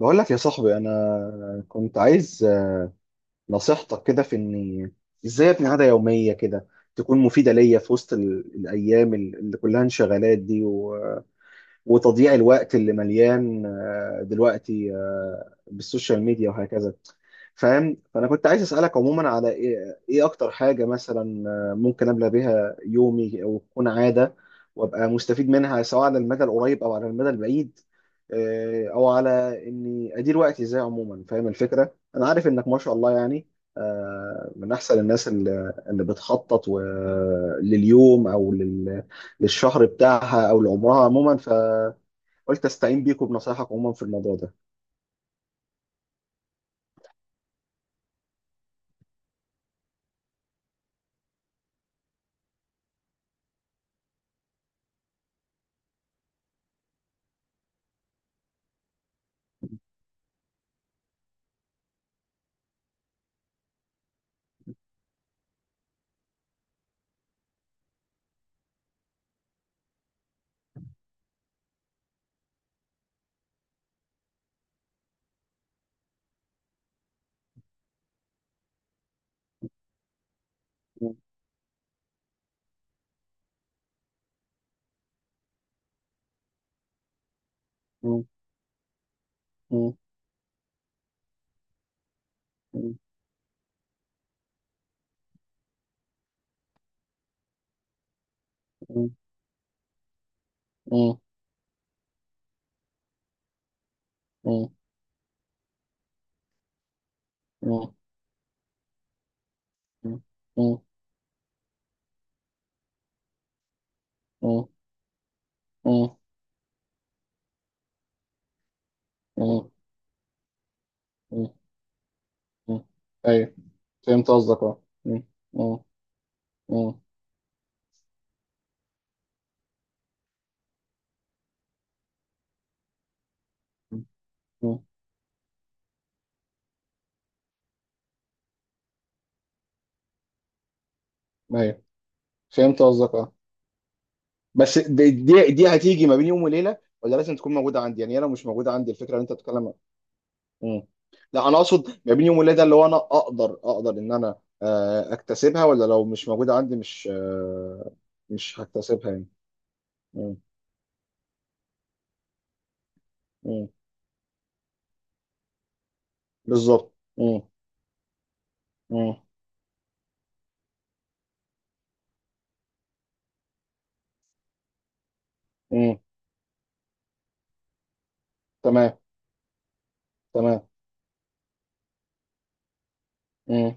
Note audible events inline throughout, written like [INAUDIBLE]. بقول لك يا صاحبي، انا كنت عايز نصيحتك كده في اني ازاي ابني عاده يوميه كده تكون مفيده ليا في وسط الايام اللي كلها انشغالات دي، وتضييع الوقت اللي مليان دلوقتي بالسوشيال ميديا وهكذا، فاهم. فانا كنت عايز اسالك عموما على ايه اكتر حاجه مثلا ممكن ابلى بيها يومي او تكون عاده، وابقى مستفيد منها سواء على المدى القريب او على المدى البعيد، او على اني ادير وقتي ازاي، عموما فاهم الفكره. انا عارف انك ما شاء الله يعني من احسن الناس اللي بتخطط لليوم او للشهر بتاعها او لعمرها عموما، قلت استعين بيكم بنصايحك عموما في الموضوع ده. مم. مم. مم. مم. مم. مم. مم. مم. مم. مم. مم. مم. مم. ايوه، فهمت قصدك، اه. مم. مم. مم. مم. ايوه، فهمت قصدك، اه. بس دي هتيجي ما بين يوم وليله، ولا لازم تكون موجوده عندي؟ يعني هي لو مش موجوده عندي الفكره اللي انت بتتكلم عنها. مم. لا، انا اقصد ما بين يوم وليله، ده اللي هو انا اقدر ان انا اكتسبها، ولا لو مش موجوده عندي مش هكتسبها يعني. مم. مم. بالظبط. مم. مم. مم. تمام، تمام. مم.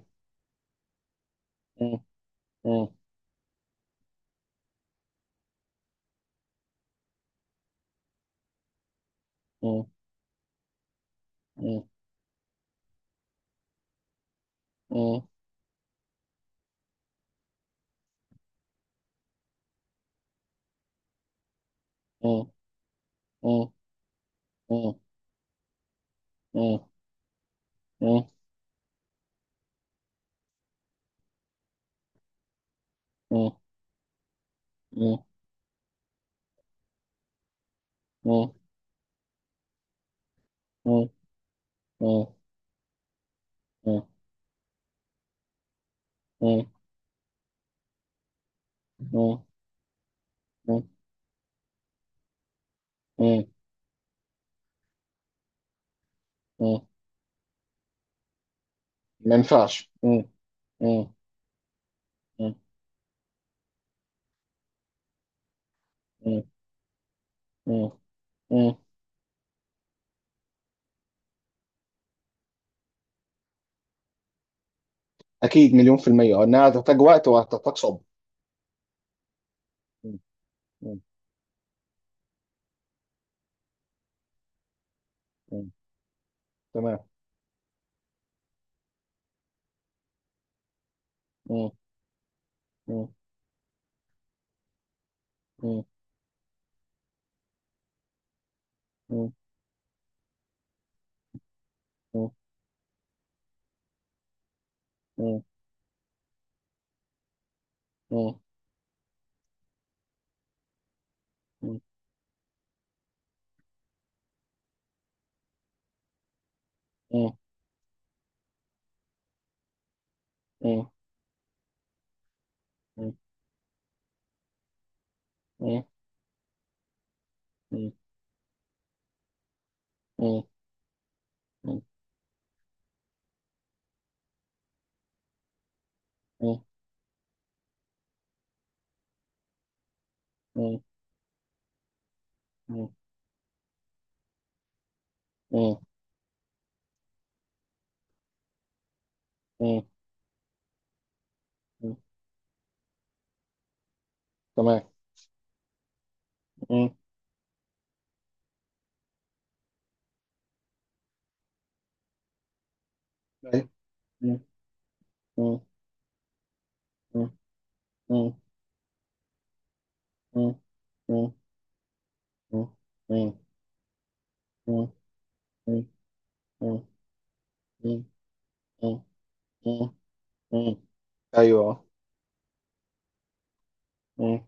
مم. مم. مم. مم. مم. مم. مم. مم. مم. مم. مم. مم. مم. مم. مم. مم. مم. مم. مم. مم. ما ينفعش. مم. مم. مم. مم. مم. مم. أكيد مليون في المية إنها هتحتاج وقت وهتحتاج صبر. مم. مم. مم. تمام. مم. مم. مم. مم. مم. مم. مم. مم. مم. مم. مم. مم. مم. مم. مم. مم. مم. مم. مم. تمام. مم. أيوة. مم. مم. مم. مم. مم. مم. مم. مم. مم. مم. مم. مم. مم. مم. ايوه. مم.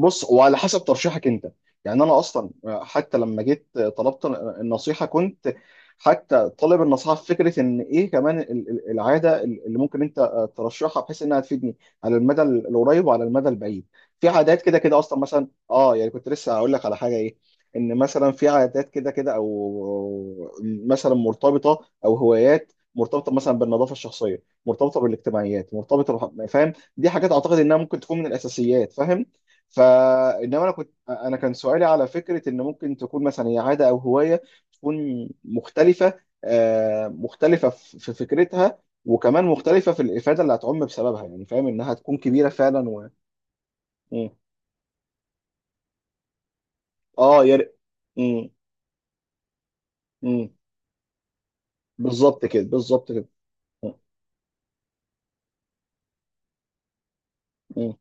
بص، وعلى حسب ترشيحك انت. يعني انا اصلا، حتى لما جيت طلبت النصيحه، كنت حتى طالب النصيحه في فكره ان ايه كمان العاده اللي ممكن انت ترشحها بحيث انها تفيدني على المدى القريب وعلى المدى البعيد. في عادات كده كده اصلا مثلا، اه يعني، كنت لسه هقول لك على حاجه، ايه ان مثلا في عادات كده كده، او مثلا مرتبطه، او هوايات مرتبطه مثلا بالنظافه الشخصيه، مرتبطه بالاجتماعيات، مرتبطه فاهم، دي حاجات اعتقد انها ممكن تكون من الاساسيات، فاهم. فانما انا كان سؤالي على فكره ان ممكن تكون مثلا هي عاده او هوايه تكون مختلفه، مختلفه في فكرتها، وكمان مختلفه في الافاده اللي هتعم بسببها، يعني فاهم انها تكون كبيره فعلا م. اه م. م. بالظبط كده، بالظبط كده. م. م.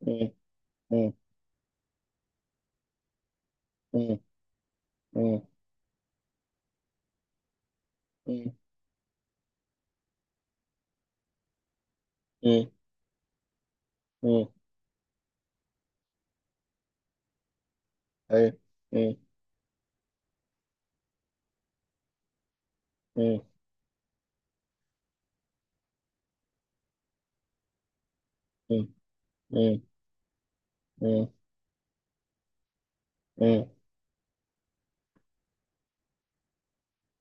م. م. م. م. م. م. م. م. أيوة. م. م. م. م. م. م.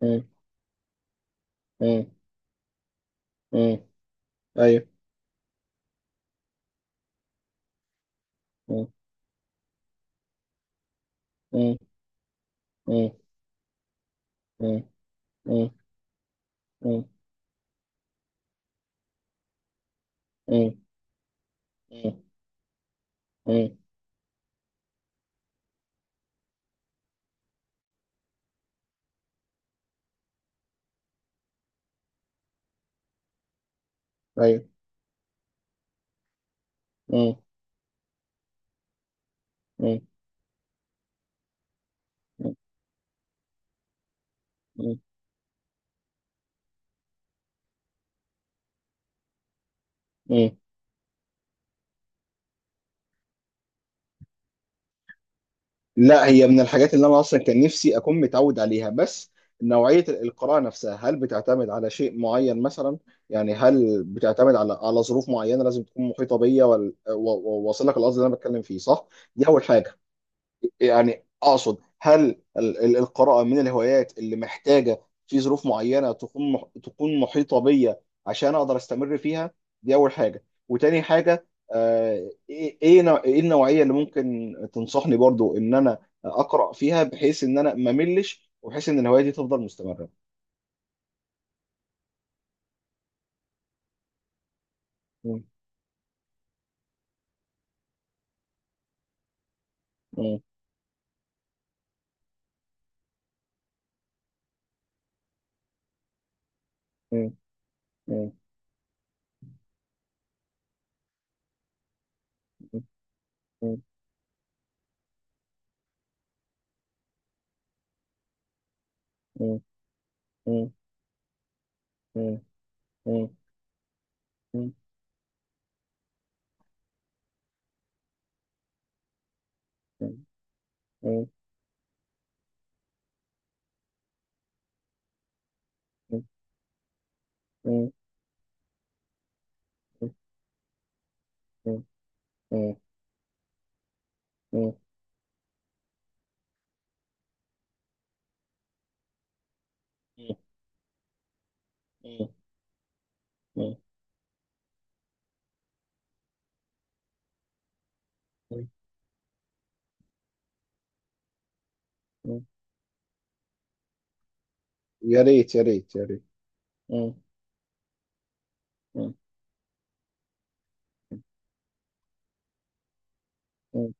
م. م. م. ايوه. مم. مم. مم. مم. مم. مم. مم. مم. أيوة. مم. مم. مم. مم. مم. لا، هي من الحاجات اللي انا اصلا كان نفسي اكون متعود عليها، بس نوعيه القراءه نفسها، هل بتعتمد على شيء معين مثلا؟ يعني هل بتعتمد على ظروف معينه لازم تكون محيطه بيا واصل لك القصد اللي انا بتكلم فيه؟ صح، دي اول حاجه. يعني اقصد، هل القراءه من الهوايات اللي محتاجه في ظروف معينه تكون تكون محيطه بيا عشان اقدر استمر فيها؟ دي اول حاجه، وتاني حاجه إيه النوعيه اللي ممكن تنصحني برضو ان انا اقرا فيها، بحيث ان انا ما ملش، وبحيث ان الهوايه دي تفضل مستمره. [LAUGHS] م- م- م- م- م- م- م- م- م- م- م- م- م- م- م- م- م- م- مم. مم. مم. يا ريت، يا ريت، يا ريت. مم. مم. مم.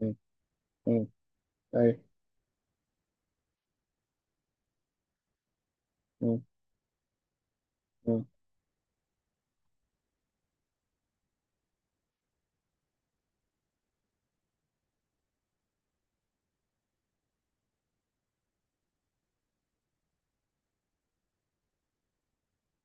مم. مم. أيوة. مم. مم.